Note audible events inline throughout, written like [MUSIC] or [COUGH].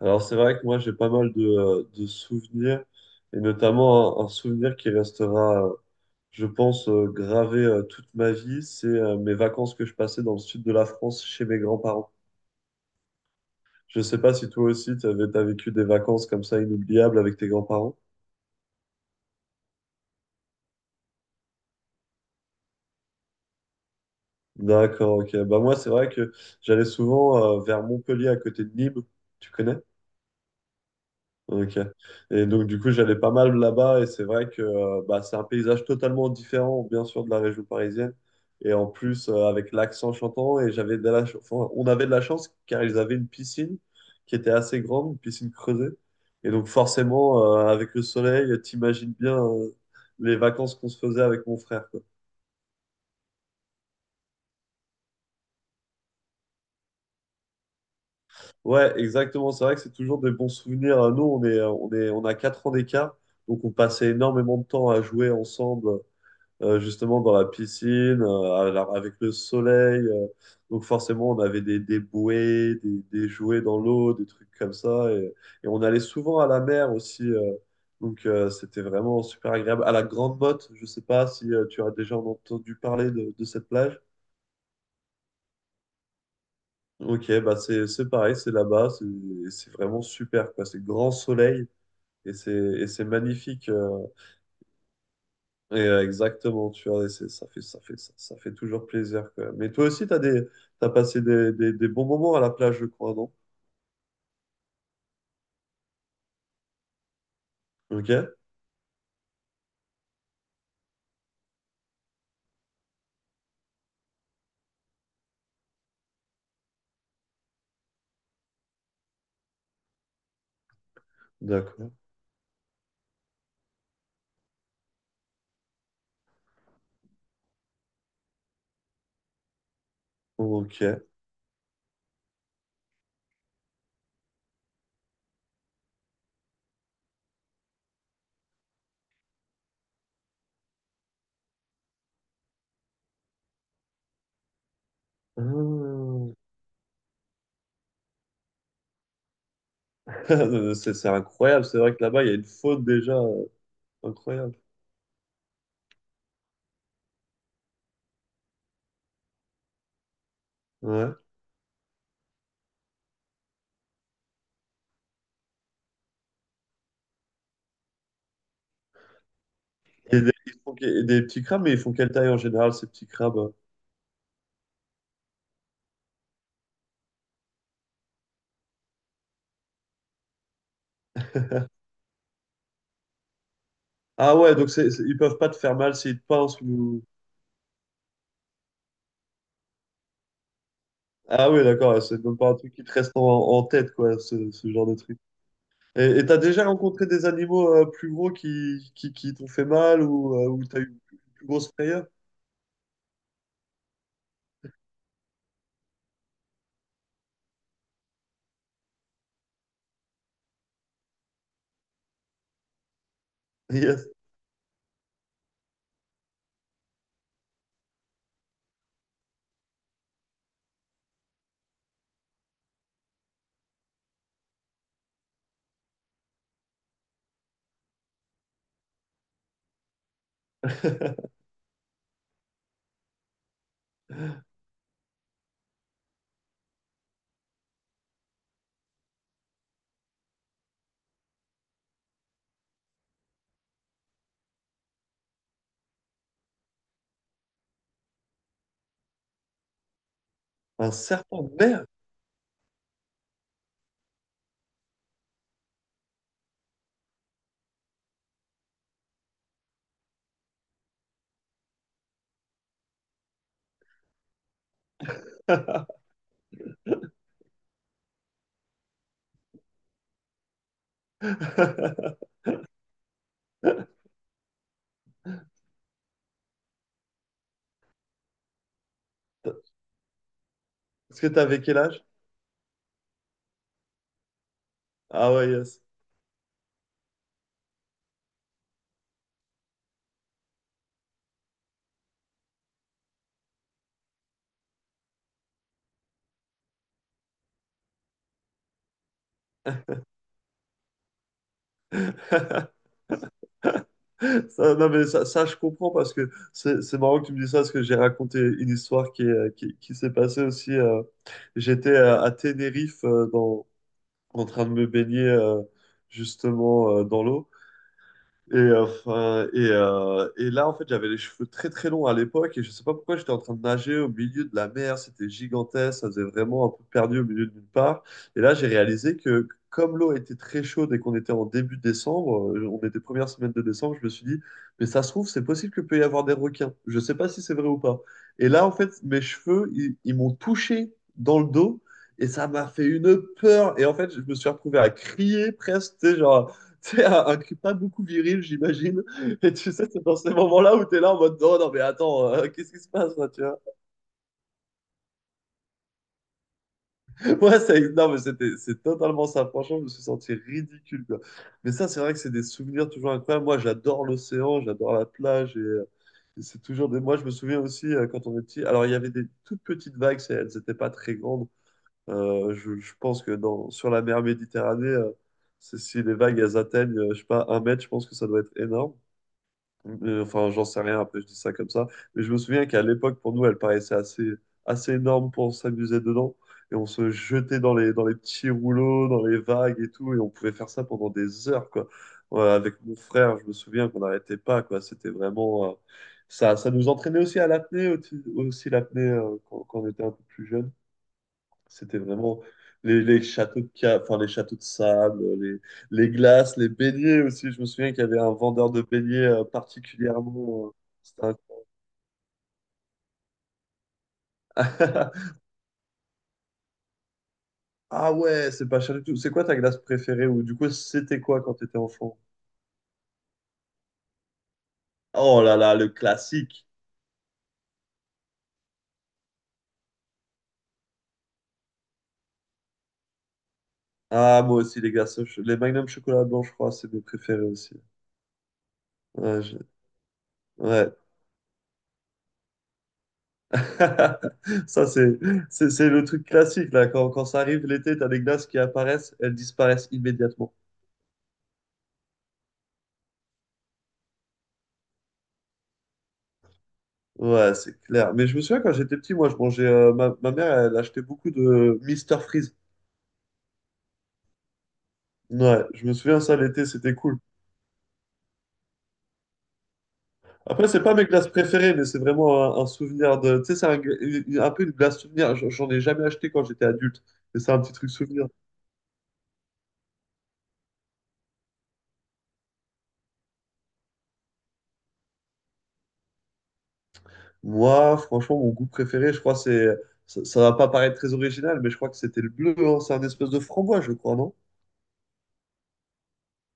Alors c'est vrai que moi j'ai pas mal de souvenirs, et notamment un souvenir qui restera, je pense, gravé toute ma vie, c'est mes vacances que je passais dans le sud de la France chez mes grands-parents. Je sais pas si toi aussi tu as vécu des vacances comme ça inoubliables avec tes grands-parents. D'accord, ok. Bah moi c'est vrai que j'allais souvent vers Montpellier à côté de Nîmes, tu connais? Ok. Et donc, du coup, j'allais pas mal là-bas et c'est vrai que c'est un paysage totalement différent, bien sûr, de la région parisienne. Et en plus, avec l'accent chantant, et j'avais enfin, on avait de la chance car ils avaient une piscine qui était assez grande, une piscine creusée. Et donc, forcément, avec le soleil, t'imagines bien les vacances qu'on se faisait avec mon frère, quoi. Ouais, exactement. C'est vrai que c'est toujours des bons souvenirs. Nous, on a quatre ans d'écart, donc on passait énormément de temps à jouer ensemble. Justement dans la piscine, avec le soleil. Donc forcément, on avait des bouées, des jouets dans l'eau, des trucs comme ça. Et on allait souvent à la mer aussi. Donc c'était vraiment super agréable. À la Grande Motte, je sais pas si tu as déjà entendu parler de cette plage. Ok, bah c'est pareil, c'est là-bas, c'est vraiment super, quoi. C'est grand soleil et c'est magnifique. Et, exactement, tu vois, ça fait, ça fait toujours plaisir quand même. Mais toi aussi, t'as passé des bons moments à la plage, je crois, non? Ok, d'accord. Ok. Hmm. [LAUGHS] C'est incroyable, c'est vrai que là-bas, il y a une faune déjà incroyable. Ouais. Et des petits crabes, mais ils font quelle taille en général, ces petits crabes? Ah ouais, ils peuvent pas te faire mal s'ils te pincent ou... Ah oui, d'accord, ouais, c'est même pas un truc qui te reste en tête, quoi, ce genre de truc. Et t'as déjà rencontré des animaux plus gros qui t'ont fait mal ou où t'as eu une plus grosse frayeur? Yes. [LAUGHS] Un serpent de mer? [LAUGHS] Est-ce que t'avais quel âge? Ah ouais, yes. [LAUGHS] Ça, non mais ça, je comprends parce que c'est marrant que tu me dises ça parce que j'ai raconté une histoire qui s'est passée aussi. J'étais à Tenerife en train de me baigner justement dans l'eau. Et là, en fait, j'avais les cheveux très très longs à l'époque et je sais pas pourquoi j'étais en train de nager au milieu de la mer. C'était gigantesque, ça faisait vraiment un peu perdu au milieu de nulle part. Et là, j'ai réalisé que comme l'eau était très chaude et qu'on était en début décembre, on était première semaine de décembre, je me suis dit, mais ça se trouve, c'est possible que peut y avoir des requins. Je sais pas si c'est vrai ou pas. Et là, en fait, mes cheveux, ils m'ont touché dans le dos et ça m'a fait une peur. Et en fait, je me suis retrouvé à crier presque, tu sais, genre c'est un cri pas beaucoup viril, j'imagine. Et tu sais, c'est dans ces moments-là où t'es là en mode non, mais attends, [LAUGHS] qu'est-ce qui se passe là, tu vois? Ouais, ça, non, mais c'était, c'est totalement ça. Franchement, je me suis senti ridicule, quoi. Mais ça, c'est vrai que c'est des souvenirs toujours incroyables. Moi, j'adore l'océan, j'adore la plage et c'est toujours des. Moi, je me souviens aussi quand on est petit. Alors, il y avait des toutes petites vagues, elles n'étaient pas très grandes. Je pense que sur la mer Méditerranée, si les vagues elles atteignent, je sais pas, un mètre, je pense que ça doit être énorme. Enfin, j'en sais rien, un peu, je dis ça comme ça. Mais je me souviens qu'à l'époque, pour nous, elle paraissait assez énorme pour s'amuser dedans. Et on se jetait dans les petits rouleaux, dans les vagues et tout. Et on pouvait faire ça pendant des heures, quoi. Ouais, avec mon frère, je me souviens qu'on n'arrêtait pas, quoi. C'était vraiment. Ça, ça nous entraînait aussi à l'apnée, aussi l'apnée quand on était un peu plus jeune. C'était vraiment les châteaux de ca- enfin les châteaux de sable, les glaces, les beignets aussi. Je me souviens qu'il y avait un vendeur de beignets particulièrement. C'était un- [LAUGHS] Ah ouais, c'est pas cher du tout. C'est quoi ta glace préférée ou du coup c'était quoi quand t'étais enfant? Oh là là, le classique. Ah moi aussi les glaces, au ch- les Magnum chocolat blanc, je crois, c'est mes préférés aussi. Ouais. je- ouais. [LAUGHS] Ça c'est le truc classique là. Quand ça arrive l'été, t'as des glaces qui apparaissent, elles disparaissent immédiatement. Ouais, c'est clair. Mais je me souviens quand j'étais petit, moi, je mangeais. Ma mère, elle achetait beaucoup de Mister Freeze. Ouais, je me souviens ça l'été, c'était cool. Après, c'est pas mes glaces préférées, mais c'est vraiment un souvenir de. Tu sais, c'est un peu une glace souvenir. J'en ai jamais acheté quand j'étais adulte, mais c'est un petit truc souvenir. Moi, franchement, mon goût préféré, je crois, c'est. Ça va pas paraître très original, mais je crois que c'était le bleu. Hein. C'est un espèce de framboise, je crois, non?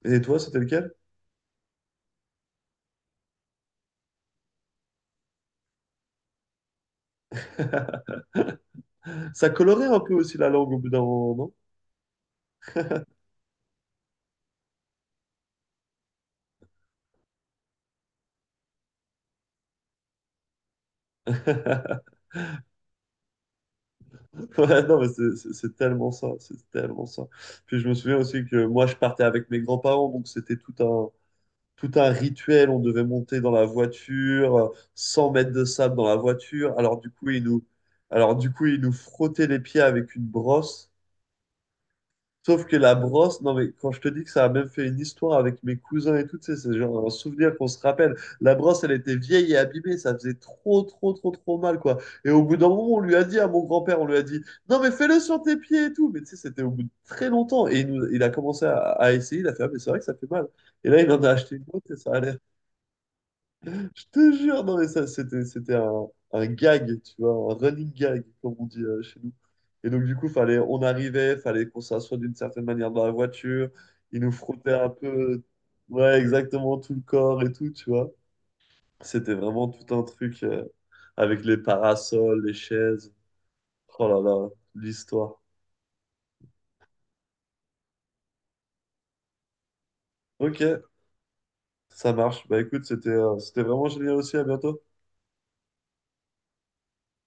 Et toi, c'était lequel? [LAUGHS] Ça colorait un peu aussi la langue au bout d'un moment, non? [LAUGHS] [LAUGHS] Ouais, non, mais c'est tellement ça, c'est tellement ça. Puis je me souviens aussi que moi, je partais avec mes grands-parents, donc c'était tout un rituel. On devait monter dans la voiture, 100 mètres de sable dans la voiture. Alors, du coup, ils nous frottaient les pieds avec une brosse. Sauf que la brosse, non mais quand je te dis que ça a même fait une histoire avec mes cousins et tout, tu sais, c'est genre un souvenir qu'on se rappelle. La brosse, elle était vieille et abîmée, ça faisait trop mal, quoi. Et au bout d'un moment, on lui a dit à mon grand-père, on lui a dit, non mais fais-le sur tes pieds et tout. Mais tu sais, c'était au bout de très longtemps. Il a commencé à essayer, il a fait, ah mais c'est vrai que ça fait mal. Et là, il en a acheté une autre et ça allait. Je te jure, non mais ça, c'était un gag, tu vois, un running gag, comme on dit chez nous. Et donc du coup, fallait qu'on s'assoie d'une certaine manière dans la voiture, ils nous frottaient un peu, ouais, exactement tout le corps et tout, tu vois. C'était vraiment tout un truc avec les parasols, les chaises. Oh là là, l'histoire. Ok, ça marche. Bah écoute, c'était vraiment génial aussi, à bientôt.